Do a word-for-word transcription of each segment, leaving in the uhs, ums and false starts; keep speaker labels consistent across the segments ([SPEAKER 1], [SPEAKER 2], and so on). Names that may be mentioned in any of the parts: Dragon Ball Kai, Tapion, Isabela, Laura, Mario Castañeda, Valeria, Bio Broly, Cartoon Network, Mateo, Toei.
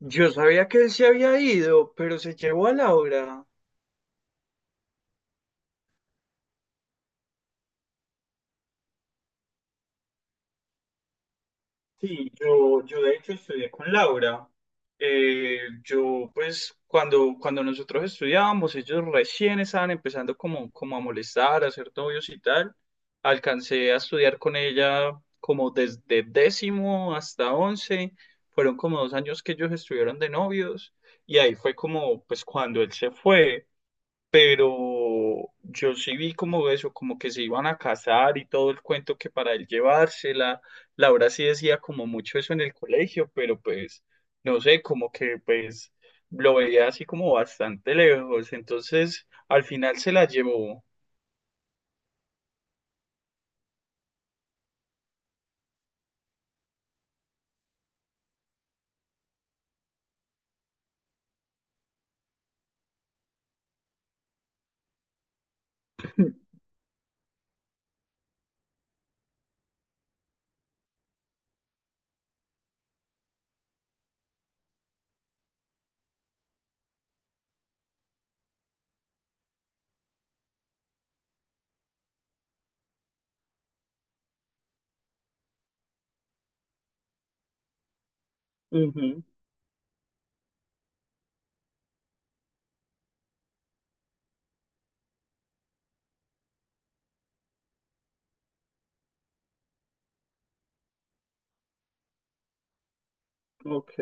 [SPEAKER 1] Yo sabía que él se había ido, pero se llevó a Laura. Sí, yo, yo de hecho estudié con Laura. Eh, yo pues cuando, cuando nosotros estudiábamos, ellos recién estaban empezando como, como a molestar, a ser novios y tal. Alcancé a estudiar con ella como desde décimo hasta once. Fueron como dos años que ellos estuvieron de novios y ahí fue como pues cuando él se fue. Pero yo sí vi como eso, como que se iban a casar y todo el cuento que para él llevársela. Laura sí decía como mucho eso en el colegio, pero pues no sé, como que pues lo veía así como bastante lejos. Entonces al final se la llevó. Ujú, ok.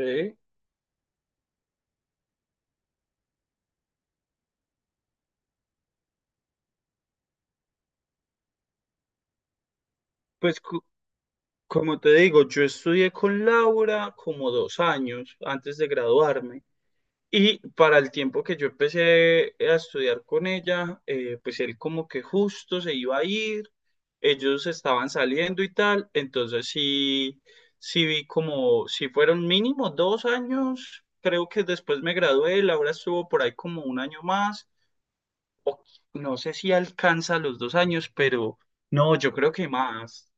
[SPEAKER 1] Pues cu- Como te digo, yo estudié con Laura como dos años antes de graduarme. Y para el tiempo que yo empecé a estudiar con ella, eh, pues él como que justo se iba a ir, ellos estaban saliendo y tal, entonces sí, sí vi como, si fueron mínimo dos años. Creo que después me gradué, Laura estuvo por ahí como un año más, o no sé si alcanza los dos años, pero no, yo creo que más,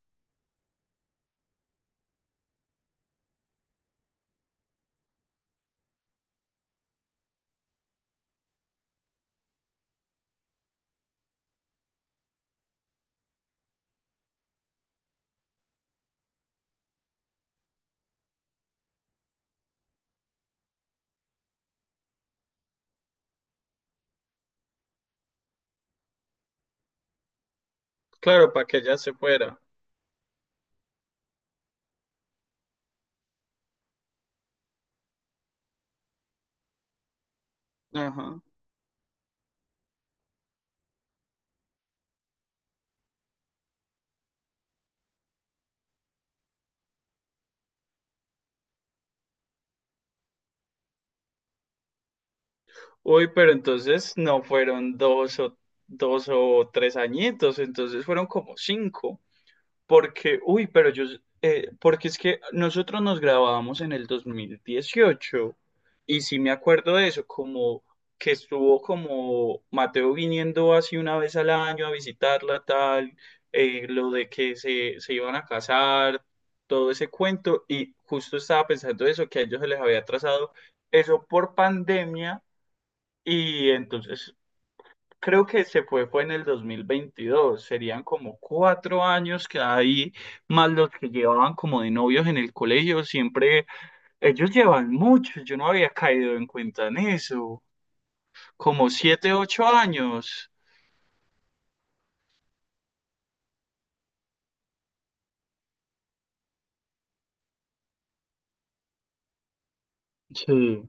[SPEAKER 1] claro, para que ella se fuera. Ajá. Uy, pero entonces no fueron dos o, dos o tres añitos, entonces fueron como cinco, porque, uy, pero yo, eh, porque es que nosotros nos grabábamos en el dos mil dieciocho y sí me acuerdo de eso, como que estuvo como Mateo viniendo así una vez al año a visitarla, tal, eh, lo de que se, se iban a casar, todo ese cuento, y justo estaba pensando eso, que a ellos se les había atrasado eso por pandemia y entonces creo que se fue, fue en el dos mil veintidós. Serían como cuatro años que ahí, más los que llevaban como de novios en el colegio, siempre ellos llevan mucho. Yo no había caído en cuenta en eso. Como siete, ocho años. Sí.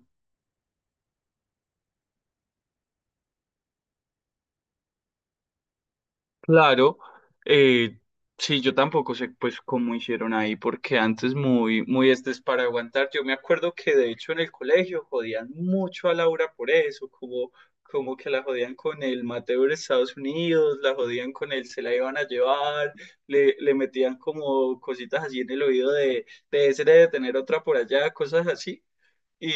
[SPEAKER 1] Claro, eh, sí, yo tampoco sé pues cómo hicieron ahí, porque antes muy, muy este es para aguantar. Yo me acuerdo que de hecho en el colegio jodían mucho a Laura por eso, como, como que la jodían con el Mateo de Estados Unidos, la jodían con el se la iban a llevar, le, le metían como cositas así en el oído de, de ese de tener otra por allá, cosas así. Y,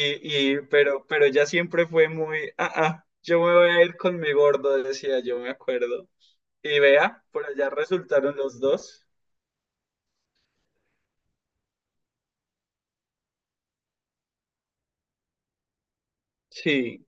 [SPEAKER 1] y, pero, pero ella siempre fue muy, ah, ah, yo me voy a ir con mi gordo, decía, yo me acuerdo. Y vea, por allá resultaron los dos. Sí,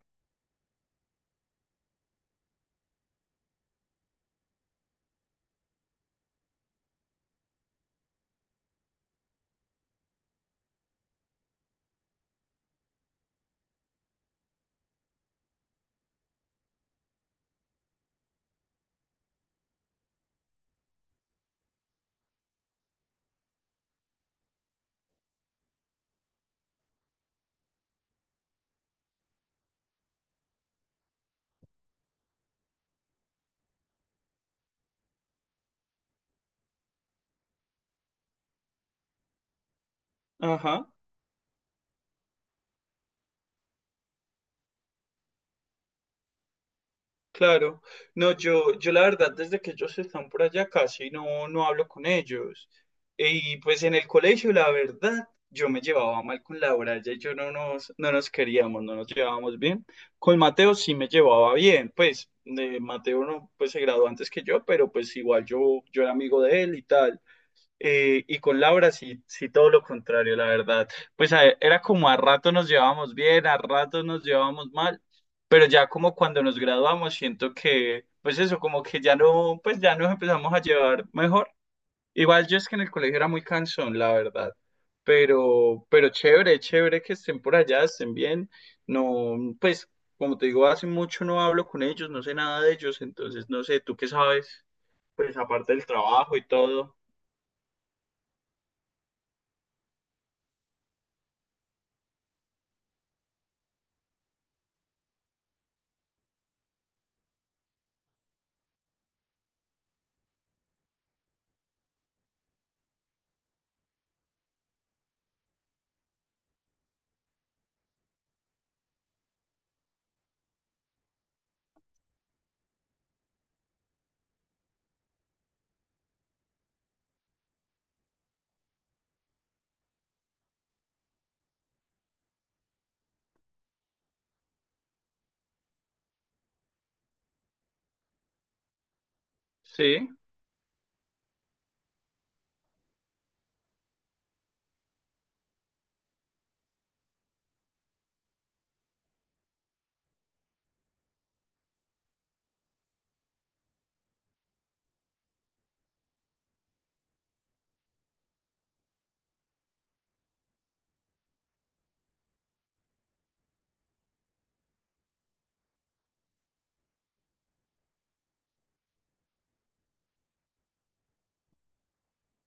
[SPEAKER 1] ajá, claro. No, yo, yo la verdad, desde que ellos están por allá casi no, no hablo con ellos. Y pues en el colegio, la verdad, yo me llevaba mal con Laura, ella y yo no nos, no nos queríamos, no nos llevábamos bien. Con Mateo sí me llevaba bien, pues eh, Mateo no, pues se graduó antes que yo, pero pues igual yo, yo era amigo de él y tal. eh, y con Laura sí, sí todo lo contrario, la verdad. Pues a- era como a rato nos llevábamos bien, a rato nos llevábamos mal, pero ya como cuando nos graduamos siento que, pues eso, como que ya no, pues ya nos empezamos a llevar mejor. Igual yo es que en el colegio era muy cansón, la verdad, pero, pero chévere, chévere que estén por allá, estén bien. No, pues como te digo, hace mucho no hablo con ellos, no sé nada de ellos, entonces no sé, ¿tú qué sabes? Pues aparte del trabajo y todo. Sí,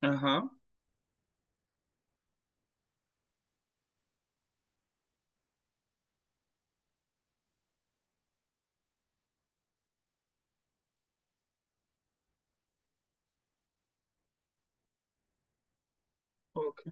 [SPEAKER 1] ajá. Ok.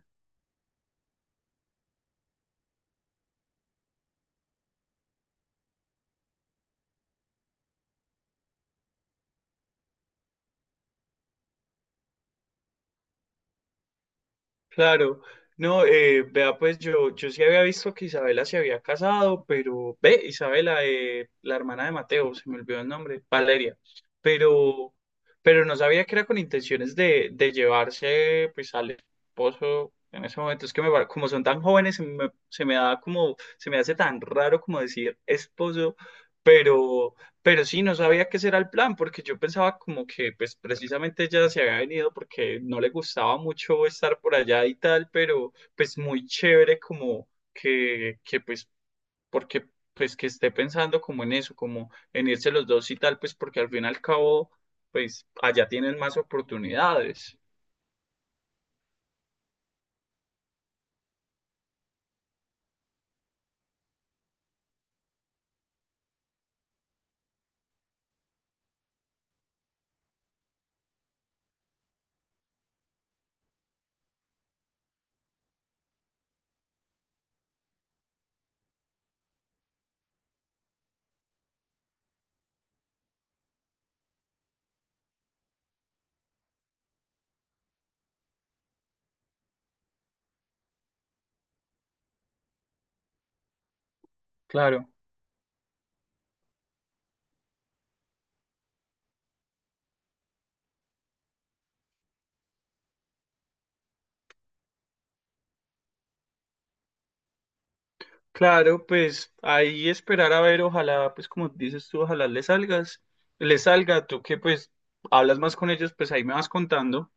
[SPEAKER 1] Claro, no, eh, vea, pues yo, yo sí había visto que Isabela se había casado, pero ve, Isabela, eh, la hermana de Mateo, se me olvidó el nombre, Valeria, pero, pero no sabía que era con intenciones de, de llevarse pues al esposo en ese momento. Es que me, pare- como son tan jóvenes, se me, se me da como, se me hace tan raro como decir esposo, pero, Pero sí, no sabía qué era el plan, porque yo pensaba como que pues precisamente ella se había venido porque no le gustaba mucho estar por allá y tal, pero pues muy chévere como que, que pues, porque pues que esté pensando como en eso, como en irse los dos y tal, pues porque al fin y al cabo, pues allá tienen más oportunidades. Claro, claro, pues ahí esperar a ver, ojalá, pues como dices tú, ojalá le salgas, le salga, tú que pues hablas más con ellos, pues ahí me vas contando.